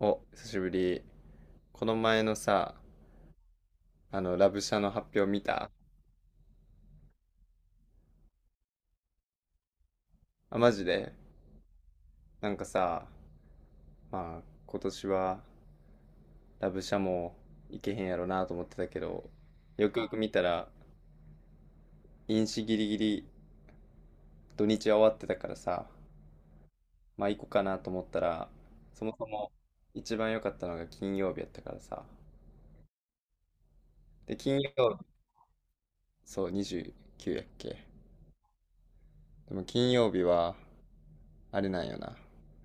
お、久しぶり。この前のさ、ラブシャの発表見た？あ、マジで。なんかさ、まあ、今年はラブシャも行けへんやろなと思ってたけど、よくよく見たら、飲酒ギリギリ土日は終わってたからさ、まあ行こうかなと思ったら、そもそも一番良かったのが金曜日やったからさ。で、金曜日、そう、29やっけ。でも金曜日は、あれなんよな。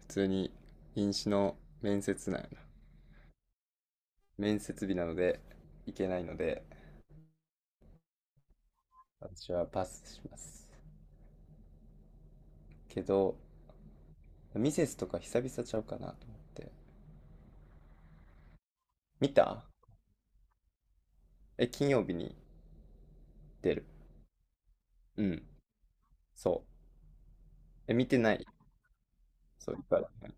普通に飲酒の面接なんよな。面接日なので行けないので、私はパスします。けど、ミセスとか久々ちゃうかなと思って。見た？え、金曜日に出る。うん、そう。え、見てない？そう、いっぱいある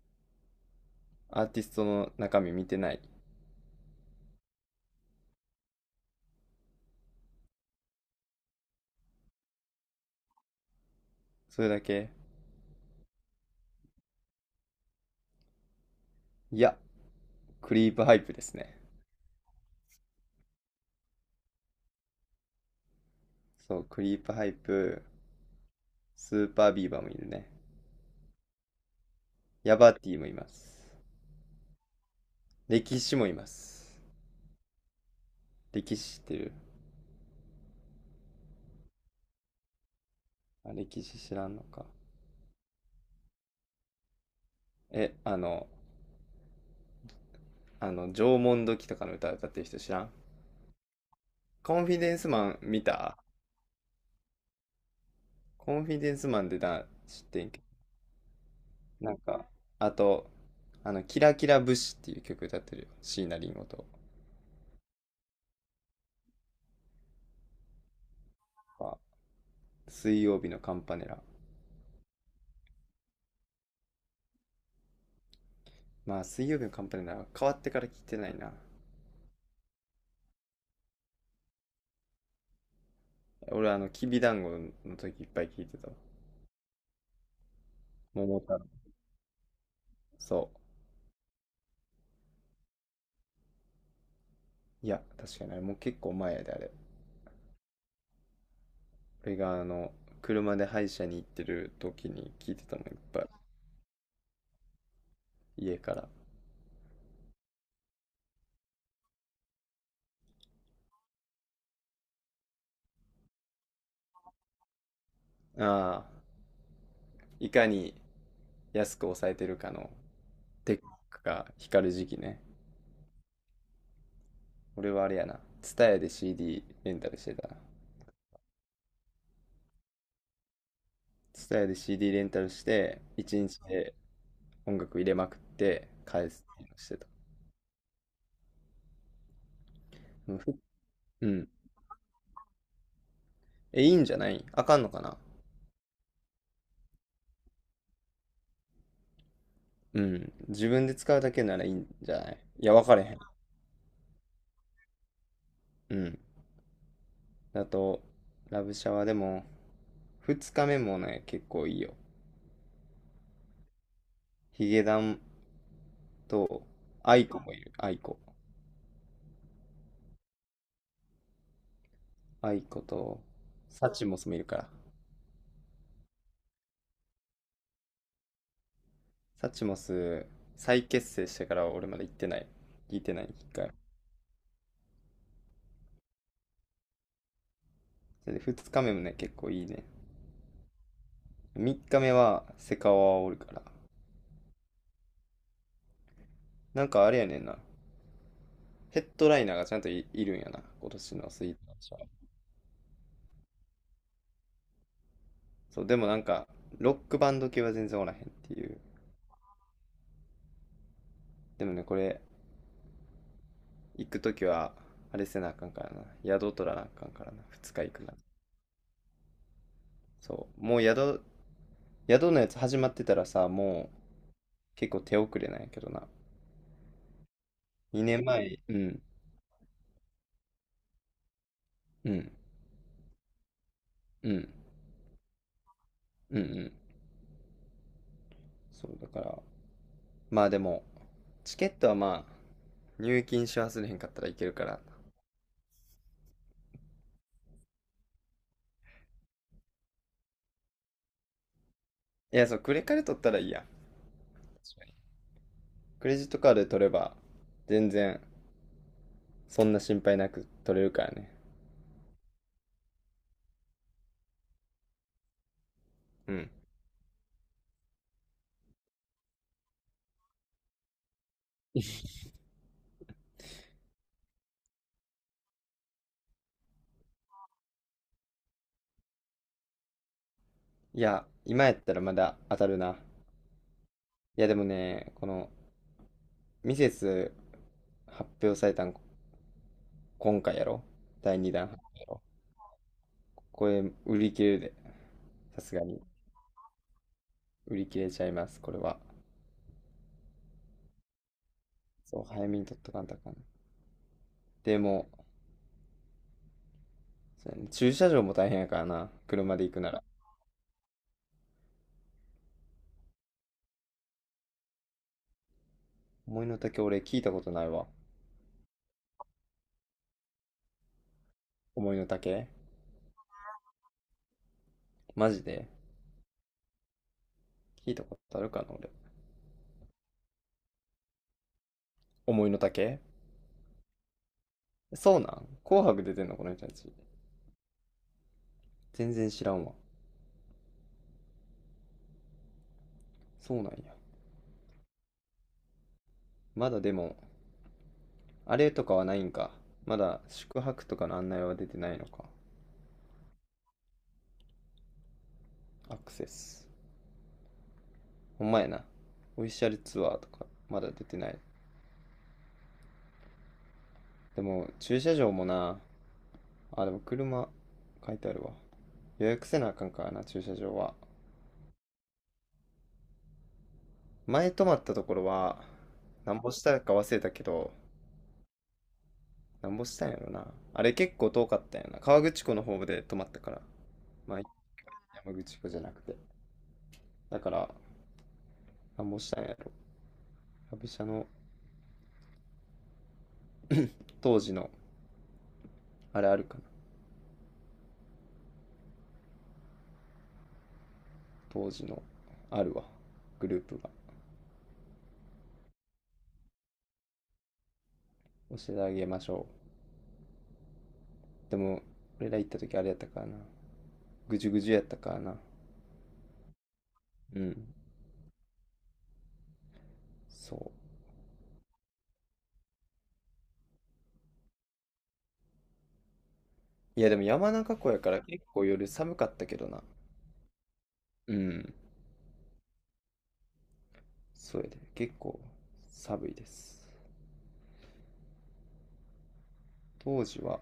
アーティストの中身見てない。それだけ？いや、クリープハイプですね。そう、クリープハイプ、スーパービーバーもいるね。ヤバティもいます。歴史もいます。歴史知ってる？あ、歴史知らんのか。え、縄文土器とかの歌歌ってる人知らん？コンフィデンスマン見た？コンフィデンスマンでな、知ってんけど。なんか、あと、キラキラ節っていう曲歌ってるよ。椎名林檎とか。水曜日のカンパネラ。まあ、水曜日のカンパネラは変わってから聞いてないな。俺、きびだんごの時いっぱい聞いてたわ。桃太郎。そう。いや、確かにあれもう結構前やで、あれ。俺が車で歯医者に行ってる時に聞いてたもん、いっぱい。家から。ああ、いかに安く抑えてるかのテックが光る時期ね。俺はあれやな。ツタヤで CD レンタルしてたな。ツタヤで CD レンタルして、一日で音楽入れまくって返すっていうのしてた。うん。ふうん。え、いいんじゃない？あかんのかな？うん。自分で使うだけならいいんじゃない？いや、わかれへん。うん。だと、ラブシャワーでも、二日目もね、結構いいよ。ヒゲダンと、アイコもいる。アイコ。アイコと、サチモスもいるから。サチモス、再結成してから俺まで行ってない。聞いてない、一回。それで二日目もね、結構いいね。三日目は、セカオワおるから。なんかあれやねんな。ヘッドライナーがちゃんといるんやな。今年のスイートショー。そう、でもなんか、ロックバンド系は全然おらへんっていう。でもね、これ、行くときは、あれせなあかんからな。宿取らなあかんからな。2日行くな。そう。もう宿のやつ始まってたらさ、もう結構手遅れなんやけどな。2年前、うん、うん、うん、うん、うん。そう、だから、まあでも、チケットはまあ、入金し忘れへんかったらいけるから。いや、そう、クレカで取ったらいいやん。確かにクレジットカードで取れば、全然、そんな心配なく取れるからね。うん。いや、今やったらまだ当たるな。いや、でもね、この、ミセス発表されたん今回やろ？第2弾発表やろ？これ売り切れるで。さすがに売り切れちゃいます、これは。そう、早めに取っとかんとあかん。でも、そうやね、駐車場も大変やからな、車で行くなら。思いの丈？俺聞いたことないわ。思いの丈？マジで聞いたことあるかな、俺。思いの丈？そうなん？紅白出てんの、この人たち？全然知らんわ。そうなんや。まだでも、あれとかはないんか。まだ宿泊とかの案内は出てないのか。アクセス。ほんまやな。オフィシャルツアーとか、まだ出てない。でも、駐車場もな。あ、でも車、書いてあるわ。予約せなあかんからな、駐車場は。前泊まったところは、なんぼしたか忘れたけど、なんぼしたんやろな。あれ結構遠かったんやな。河口湖の方で泊まったから。まあ、山口湖じゃなくて。だから、なんぼしたんやろ。旅社の当時の、あれあるか？当時のあるわ、グループが。教えてあげましょう。でも俺ら行った時あれやったからな、ぐじゅぐじゅやったからな。うん。そう。いやでも山中湖やから結構夜寒かったけどな。うん。そうやで、結構寒いです、当時は。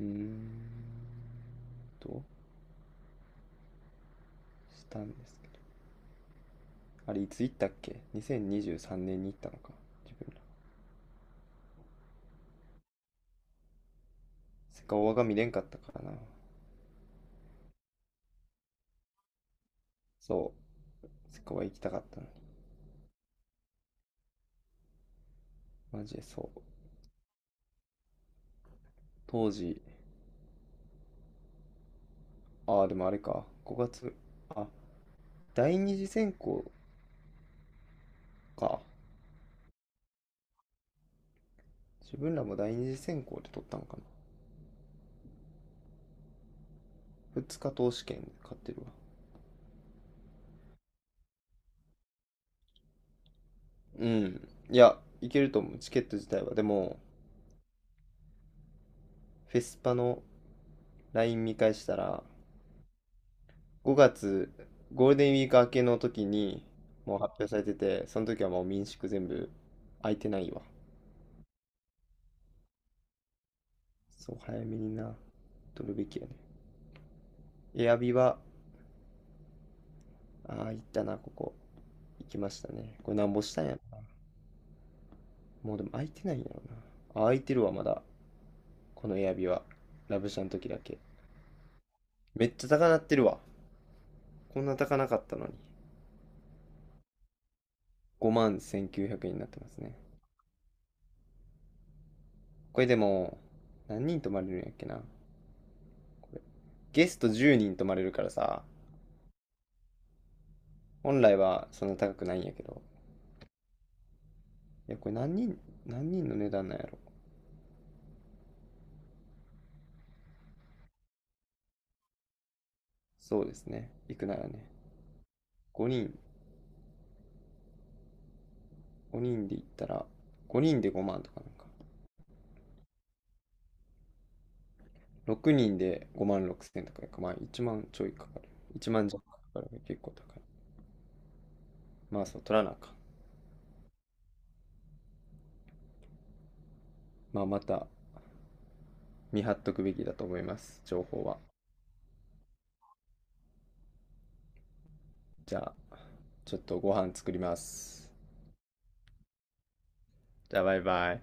うーんとしたんですけど、あれいつ行ったっけ？ 2023 年にじゅうさんねんに行ったのか、自分ら。セカオワが見れんかったからな。そう、セカオワ行きたかったのに。マジでそう。当時。ああ、でもあれか。5月。あ、第二次選考か。自分らも第二次選考で取ったのかな。二日投資券で買ってるわ。うん。いや、いけると思う。チケット自体は。でも、フェスパの LINE 見返したら、5月、ゴールデンウィーク明けの時に、もう発表されてて、その時はもう民宿全部空いてないわ。そう、早めにな、取るべきやね。エアビは、ああ、行ったな、ここ。行きましたね。これなんぼしたんやろ。もうでも開いてないんやろな。あ、開いてるわ、まだ。このエアビは。ラブシャの時だけ。めっちゃ高なってるわ。こんな高なかったのに。5万1900円になってますね。これでも、何人泊まれるんやっけな。これ。ゲスト10人泊まれるからさ、本来はそんな高くないんやけど。いや、これ何人の値段なんやろ。そうですね。行くならね。5人、5人で行ったら、5人で5万とかなんか。6人で5万6千とかか、まあ1万ちょいかかる。1万弱かかるか結構高い。まあそう、取らなあかん。まあまた見張っとくべきだと思います、情報は。じゃあ、ちょっとご飯作ります。じゃあ、バイバイ。